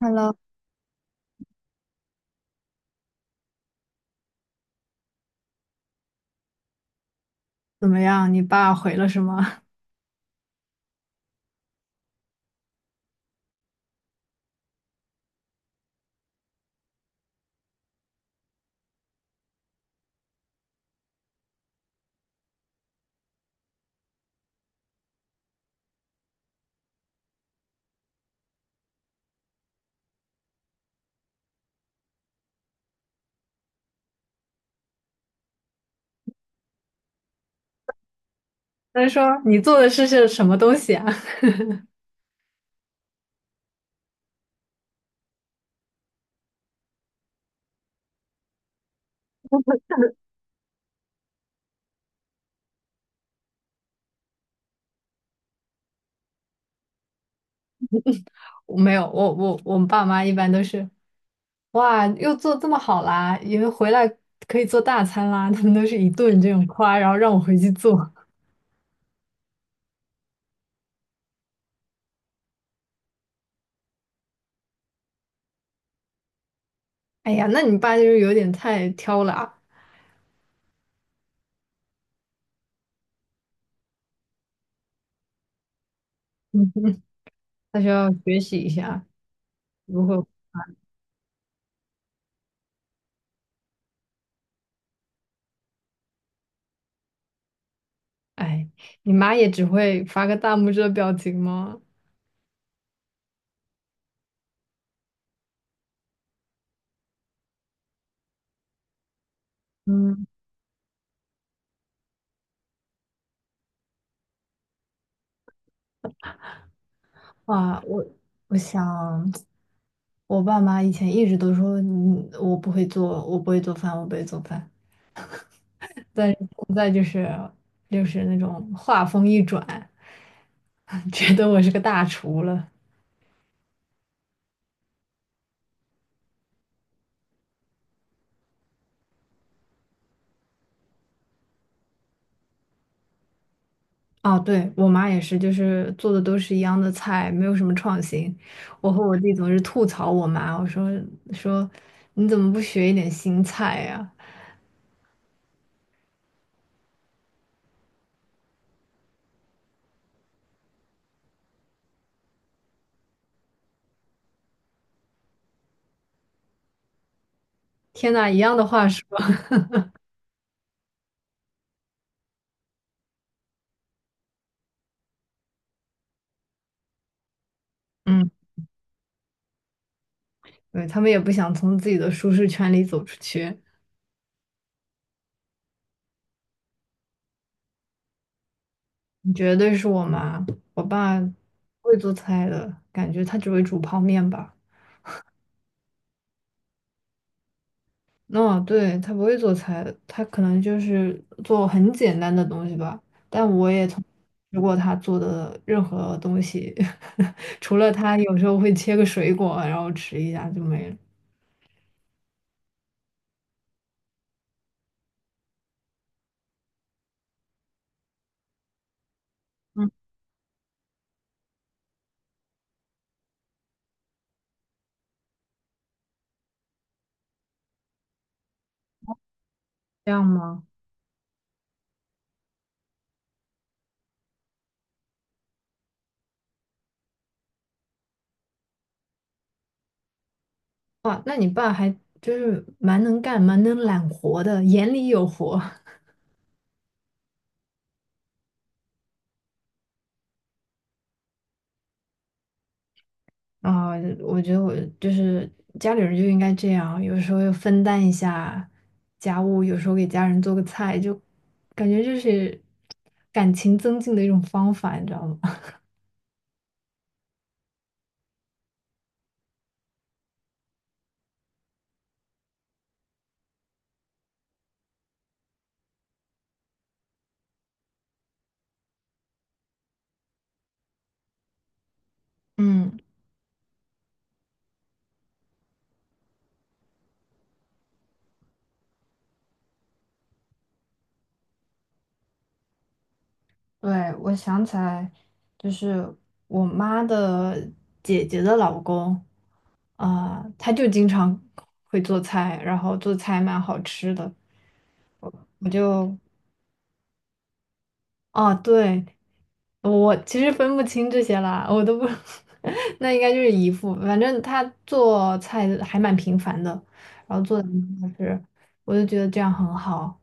Hello，怎么样？你爸回了什么？他说你做的事是什么东西啊？我没有，我我们爸妈一般都是，哇，又做这么好啦，因为回来可以做大餐啦，他们都是一顿这种夸，然后让我回去做。哎呀，那你爸就是有点太挑了啊。嗯，他需要学习一下如何。哎，你妈也只会发个大拇指的表情吗？嗯，哇，我想。我爸妈以前一直都说，嗯，我不会做，我不会做饭，我不会做饭。但是现在就是，就是那种话锋一转，觉得我是个大厨了。啊，对，我妈也是，就是做的都是一样的菜，没有什么创新。我和我弟总是吐槽我妈，我说，说你怎么不学一点新菜呀、天呐，一样的话说，嗯，对，他们也不想从自己的舒适圈里走出去。你绝对是我妈，我爸不会做菜的，感觉他只会煮泡面吧。哦，对，他不会做菜，他可能就是做很简单的东西吧。但我也从吃过他做的任何东西，除了他有时候会切个水果，然后吃一下就没了。嗯，这样吗？哇，那你爸还就是蛮能干、蛮能揽活的，眼里有活。啊，我觉得我就是家里人就应该这样，有时候要分担一下家务，有时候给家人做个菜，就感觉就是感情增进的一种方法，你知道吗？嗯，对，我想起来，就是我妈的姐姐的老公啊，他就经常会做菜，然后做菜蛮好吃的，我就啊，对。我其实分不清这些啦，我都不，那应该就是姨父。反正他做菜还蛮频繁的，然后做的就是，我就觉得这样很好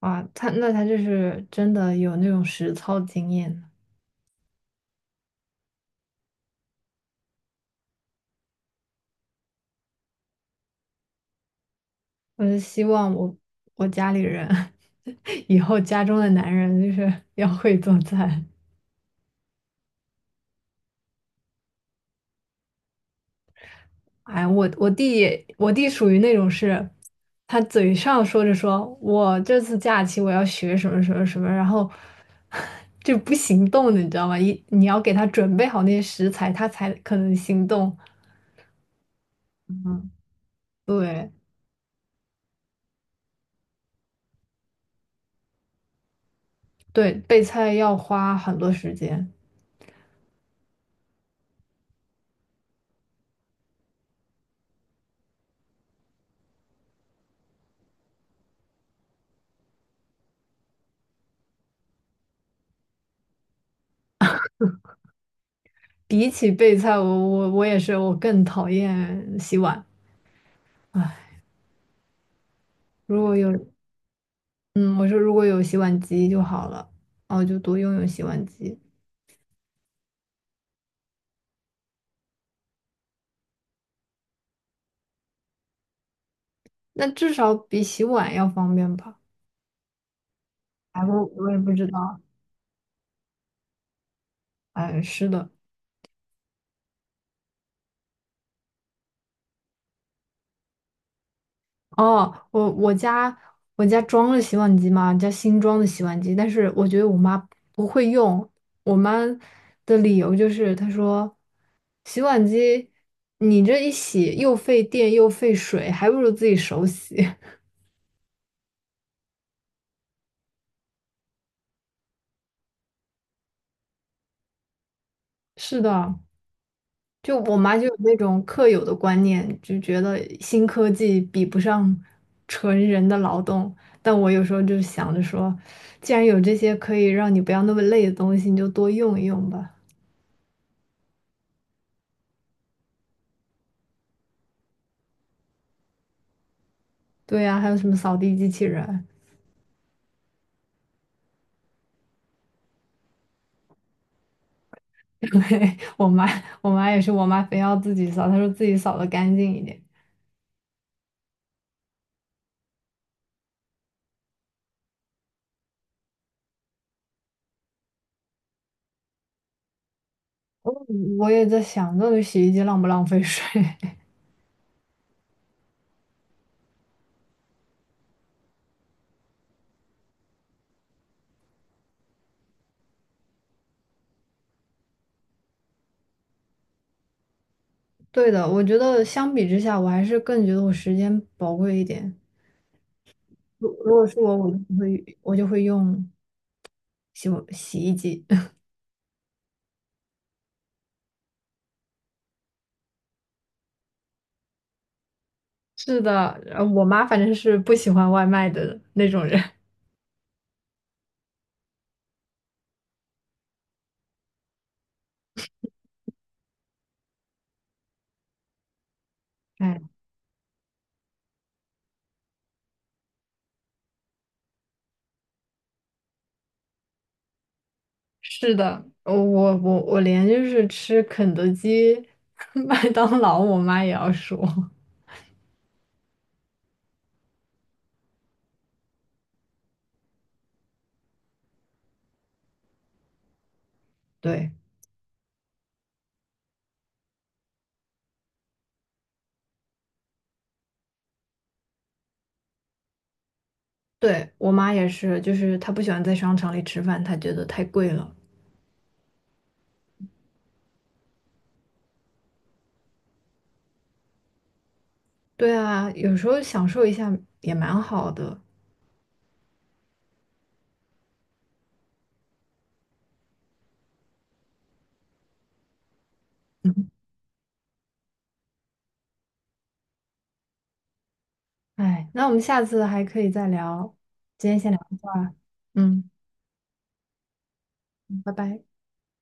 啊。他那他就是真的有那种实操经验。我就希望我我家里人 以后家中的男人就是要会做菜。哎，我弟也，我弟属于那种是，他嘴上说着说我这次假期我要学什么什么什么，然后 就不行动的，你知道吗？一你要给他准备好那些食材，他才可能行动。嗯，对对，备菜要花很多时间。比起备菜，我也是，我更讨厌洗碗。唉，如果有，嗯，我说如果有洗碗机就好了，然后就多用用洗碗机，那至少比洗碗要方便吧。哎，我也不知道。哎，是的。哦，我家我家装了洗碗机嘛，家新装的洗碗机，但是我觉得我妈不会用。我妈的理由就是她说，洗碗机你这一洗又费电又费水，还不如自己手洗。是的，就我妈就有那种刻有的观念，就觉得新科技比不上纯人的劳动。但我有时候就想着说，既然有这些可以让你不要那么累的东西，你就多用一用吧。对呀、还有什么扫地机器人？对，我妈，我妈也是，我妈非要自己扫，她说自己扫的干净一点。我我也在想，到底洗衣机浪不浪费水？对的，我觉得相比之下，我还是更觉得我时间宝贵一点。如果是我，我就会我就会用。洗衣机。是的，我妈反正是不喜欢外卖的那种人。哎，是的，我连就是吃肯德基、麦当劳，我妈也要说。对，对，我妈也是，就是她不喜欢在商场里吃饭，她觉得太贵了。对啊，有时候享受一下也蛮好的。哎，那我们下次还可以再聊，今天先聊到这儿。嗯，拜拜。